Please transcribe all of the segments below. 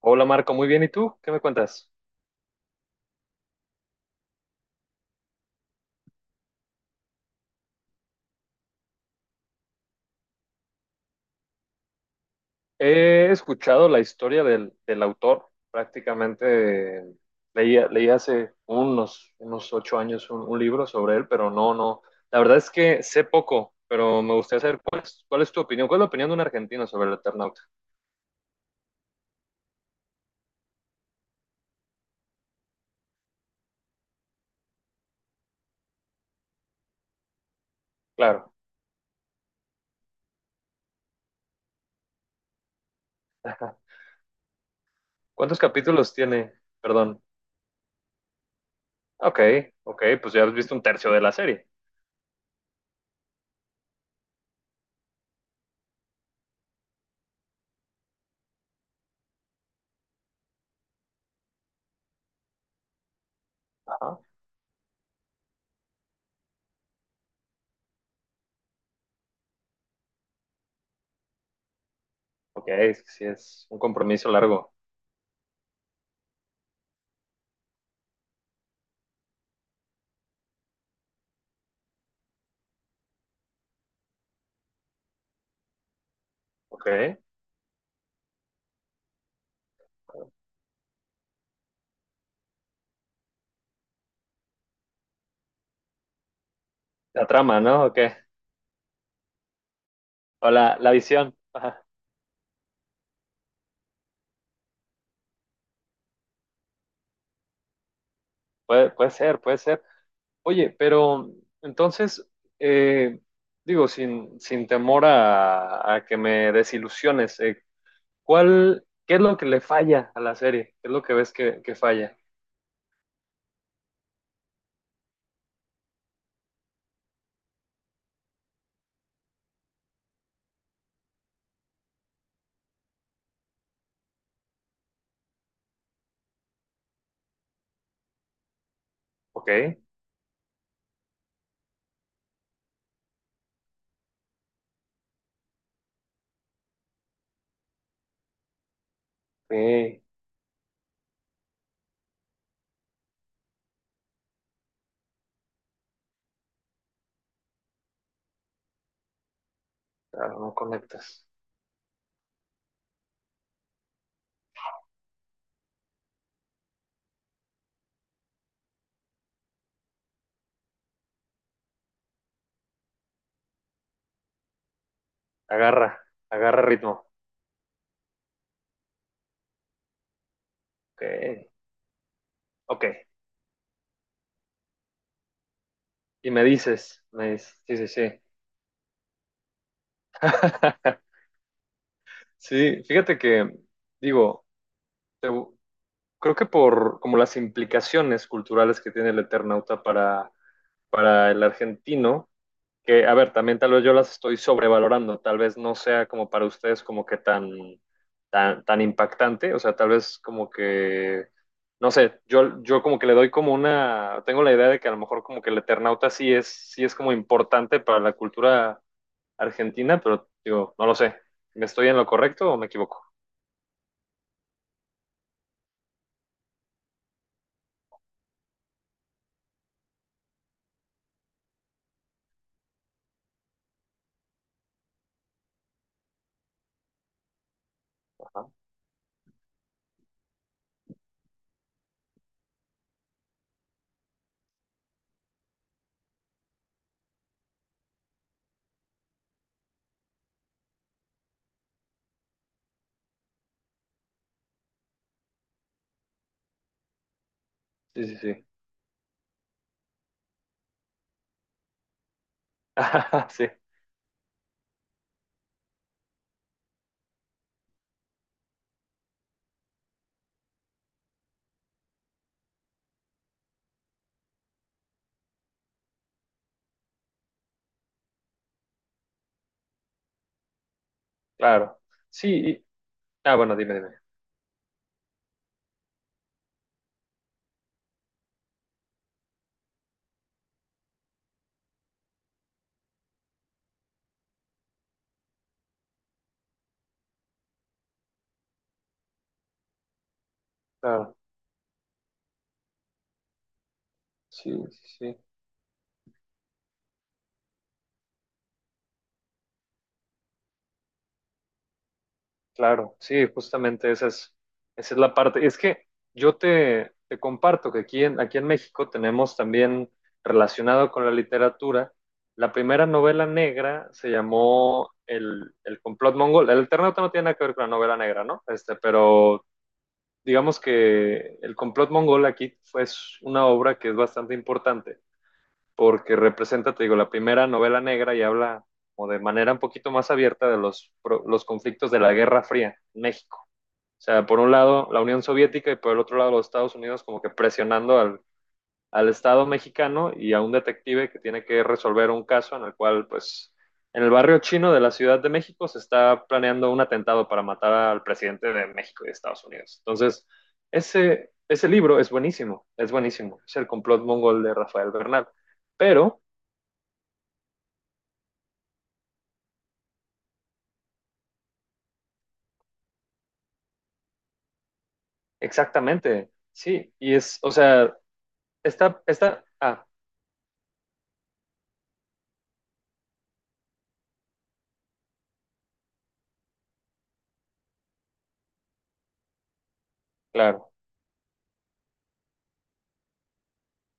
Hola Marco, muy bien. ¿Y tú? ¿Qué me cuentas? He escuchado la historia del autor. Prácticamente leí hace unos 8 años un libro sobre él, pero no. La verdad es que sé poco, pero me gustaría saber cuál es tu opinión. ¿Cuál es la opinión de un argentino sobre el Eternauta? Claro. ¿Cuántos capítulos tiene? Perdón. Ok, ok, pues ya has visto un tercio de la serie. Ajá. Ok, es que sí, es un compromiso largo. Ok. La trama, ¿no? Ok. O la visión. Puede ser, puede ser. Oye, pero entonces, eh, digo, sin temor a que me desilusiones, ¿qué es lo que le falla a la serie? ¿Qué es lo que ves que falla? Ok, ok, claro, no conectas. Agarra, agarra ritmo. Ok, ok. Y me dices, sí, sí, sí. Sí, fíjate que, digo, te- creo que por como las implicaciones culturales que tiene el Eternauta para el argentino, que, a ver, también tal vez yo las estoy sobrevalorando, tal vez no sea como para ustedes como que tan, impactante, o sea, tal vez como que, no sé, yo como que le doy como una, tengo la idea de que a lo mejor como que el Eternauta sí es como importante para la cultura argentina, pero digo, no lo sé, ¿me estoy en lo correcto o me equivoco? Ajá. Sí, sí, sí. Sí. Claro, sí, y- ah, bueno, dime, claro, sí, sí, sí, claro, sí, justamente esa es la parte, es que yo te comparto que aquí en México tenemos también relacionado con la literatura, la primera novela negra se llamó el complot mongol, el Eternauta no tiene nada que ver con la novela negra, ¿no? Este, pero digamos que El complot mongol aquí fue es una obra que es bastante importante porque representa, te digo, la primera novela negra y habla o de manera un poquito más abierta de los conflictos de la Guerra Fría en México. O sea, por un lado la Unión Soviética y por el otro lado los Estados Unidos como que presionando al Estado mexicano y a un detective que tiene que resolver un caso en el cual, pues, en el barrio chino de la Ciudad de México se está planeando un atentado para matar al presidente de México y de Estados Unidos. Entonces, ese libro es buenísimo, es buenísimo. Es el complot mongol de Rafael Bernal. Pero exactamente, sí, y es, o sea, ah, claro,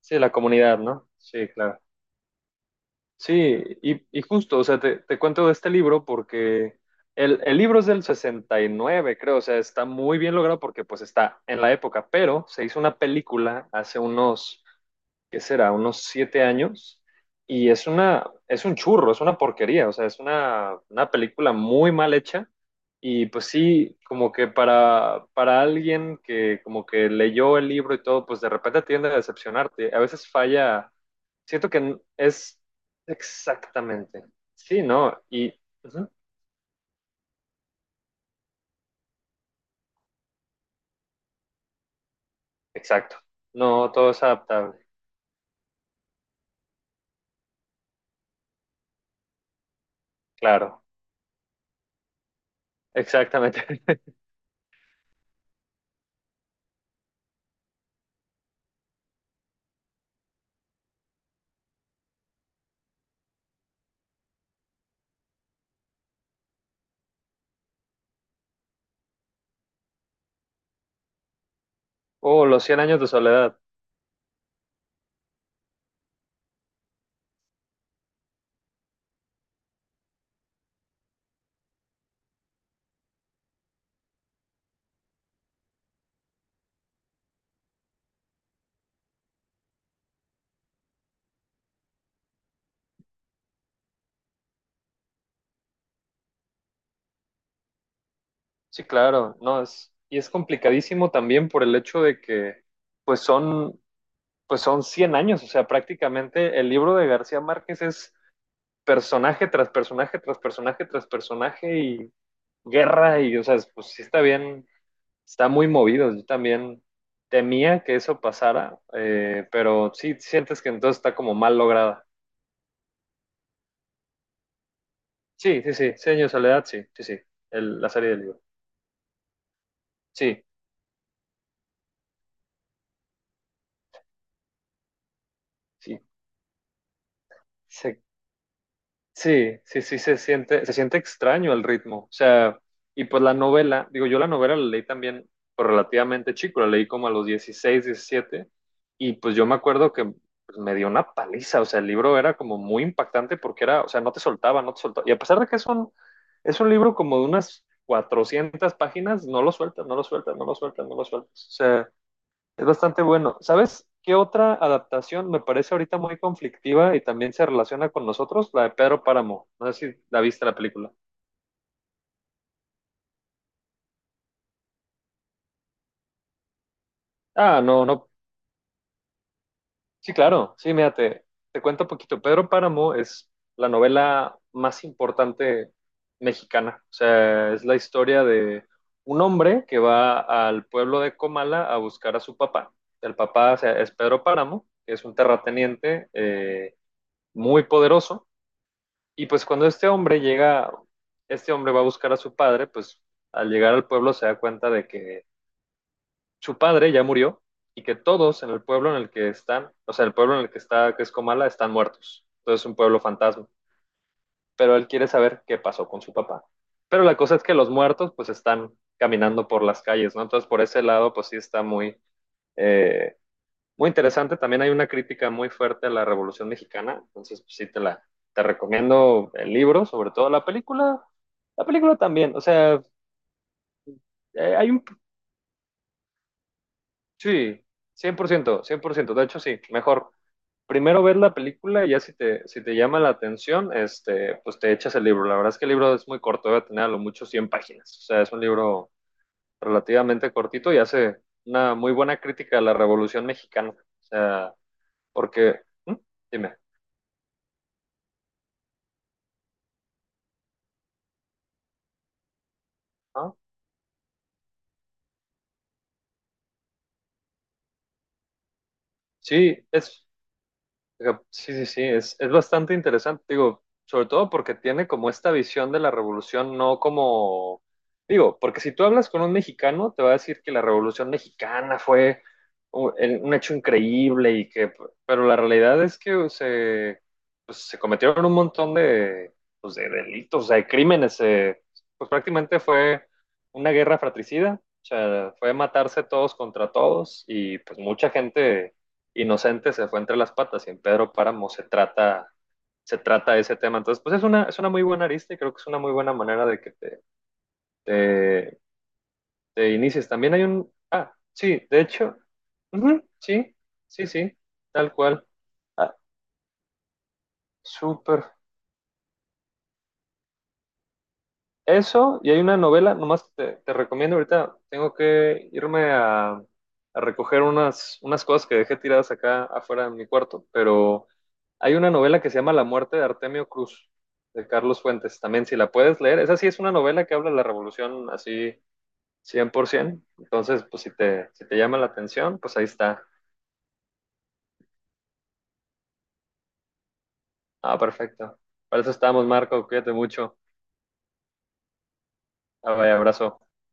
sí, la comunidad, ¿no? Sí, claro. Sí, y justo, o sea, te cuento de este libro porque el libro es del 69, creo, o sea, está muy bien logrado porque pues está en la época, pero se hizo una película hace unos ¿qué será? Unos 7 años. Y es una, es un churro, es una porquería, o sea, es una película muy mal hecha. Y pues sí, como que para alguien que como que leyó el libro y todo, pues de repente tiende a decepcionarte. A veces falla, siento que es exactamente, sí, ¿no? Y, ujú, exacto, no, todo es adaptable, claro, exactamente. Oh, los Cien años de soledad. Sí, claro, no es y es complicadísimo también por el hecho de que pues son pues son 100 años, o sea, prácticamente el libro de García Márquez es personaje tras personaje tras personaje tras personaje y guerra y o sea, pues sí está bien, está muy movido. Yo también temía que eso pasara, pero sí sientes que entonces está como mal lograda. Sí, sí, sí, Cien años de Soledad, sí, sí, sí, la serie del libro. Sí, sí, se sí, sí, sí, se siente extraño el ritmo. O sea, y pues la novela, digo, yo la novela la leí también pues, relativamente chico, la leí como a los 16, 17, y pues yo me acuerdo que pues, me dio una paliza, o sea, el libro era como muy impactante porque era, o sea, no te soltaba, no te soltaba. Y a pesar de que es un libro como de unas 400 páginas, no lo sueltas, no lo sueltas, no lo sueltas, no lo sueltas. Es bastante bueno. ¿Sabes qué otra adaptación me parece ahorita muy conflictiva y también se relaciona con nosotros? La de Pedro Páramo. No sé si la viste la película. Ah, no, no. Sí, claro. Sí, mira, te cuento un poquito. Pedro Páramo es la novela más importante mexicana. O sea, es la historia de un hombre que va al pueblo de Comala a buscar a su papá. El papá, o sea, es Pedro Páramo, que es un terrateniente, muy poderoso. Y pues cuando este hombre llega, este hombre va a buscar a su padre, pues al llegar al pueblo se da cuenta de que su padre ya murió y que todos en el pueblo en el que están, o sea, el pueblo en el que está, que es Comala, están muertos. Entonces es un pueblo fantasma. Pero él quiere saber qué pasó con su papá. Pero la cosa es que los muertos pues están caminando por las calles, ¿no? Entonces por ese lado pues sí está muy, eh, muy interesante. También hay una crítica muy fuerte a la Revolución Mexicana, entonces pues, sí te la te recomiendo el libro, sobre todo la película. La película también, o sea, hay un sí, 100% 100%, de hecho sí, mejor primero ver la película y ya si te si te llama la atención, este, pues te echas el libro. La verdad es que el libro es muy corto, debe tener a lo mucho 100 páginas. O sea, es un libro relativamente cortito y hace una muy buena crítica a la Revolución Mexicana. O sea, porque ¿eh? Dime, ¿ah? Sí, es, sí, sí, sí, es bastante interesante, digo, sobre todo porque tiene como esta visión de la revolución, no como, digo, porque si tú hablas con un mexicano, te va a decir que la revolución mexicana fue un hecho increíble y que, pero la realidad es que se, pues, se cometieron un montón de, pues, de delitos, o sea, de crímenes, pues prácticamente fue una guerra fratricida, o sea, fue matarse todos contra todos y pues mucha gente inocente se fue entre las patas y en Pedro Páramo se trata ese tema. Entonces, pues es una muy buena arista y creo que es una muy buena manera de que te, te inicies. También hay un... Ah, sí, de hecho, ujú, sí, sí, sí, tal cual. Ah, súper. Eso, y hay una novela, nomás te recomiendo, ahorita tengo que irme a recoger unas, unas cosas que dejé tiradas acá afuera de mi cuarto, pero hay una novela que se llama La muerte de Artemio Cruz, de Carlos Fuentes, también si la puedes leer, esa sí es una novela que habla de la revolución así 100%, entonces pues si te, si te llama la atención, pues ahí está. Ah, perfecto. Para eso estamos, Marco, cuídate mucho. Ah, vaya, abrazo.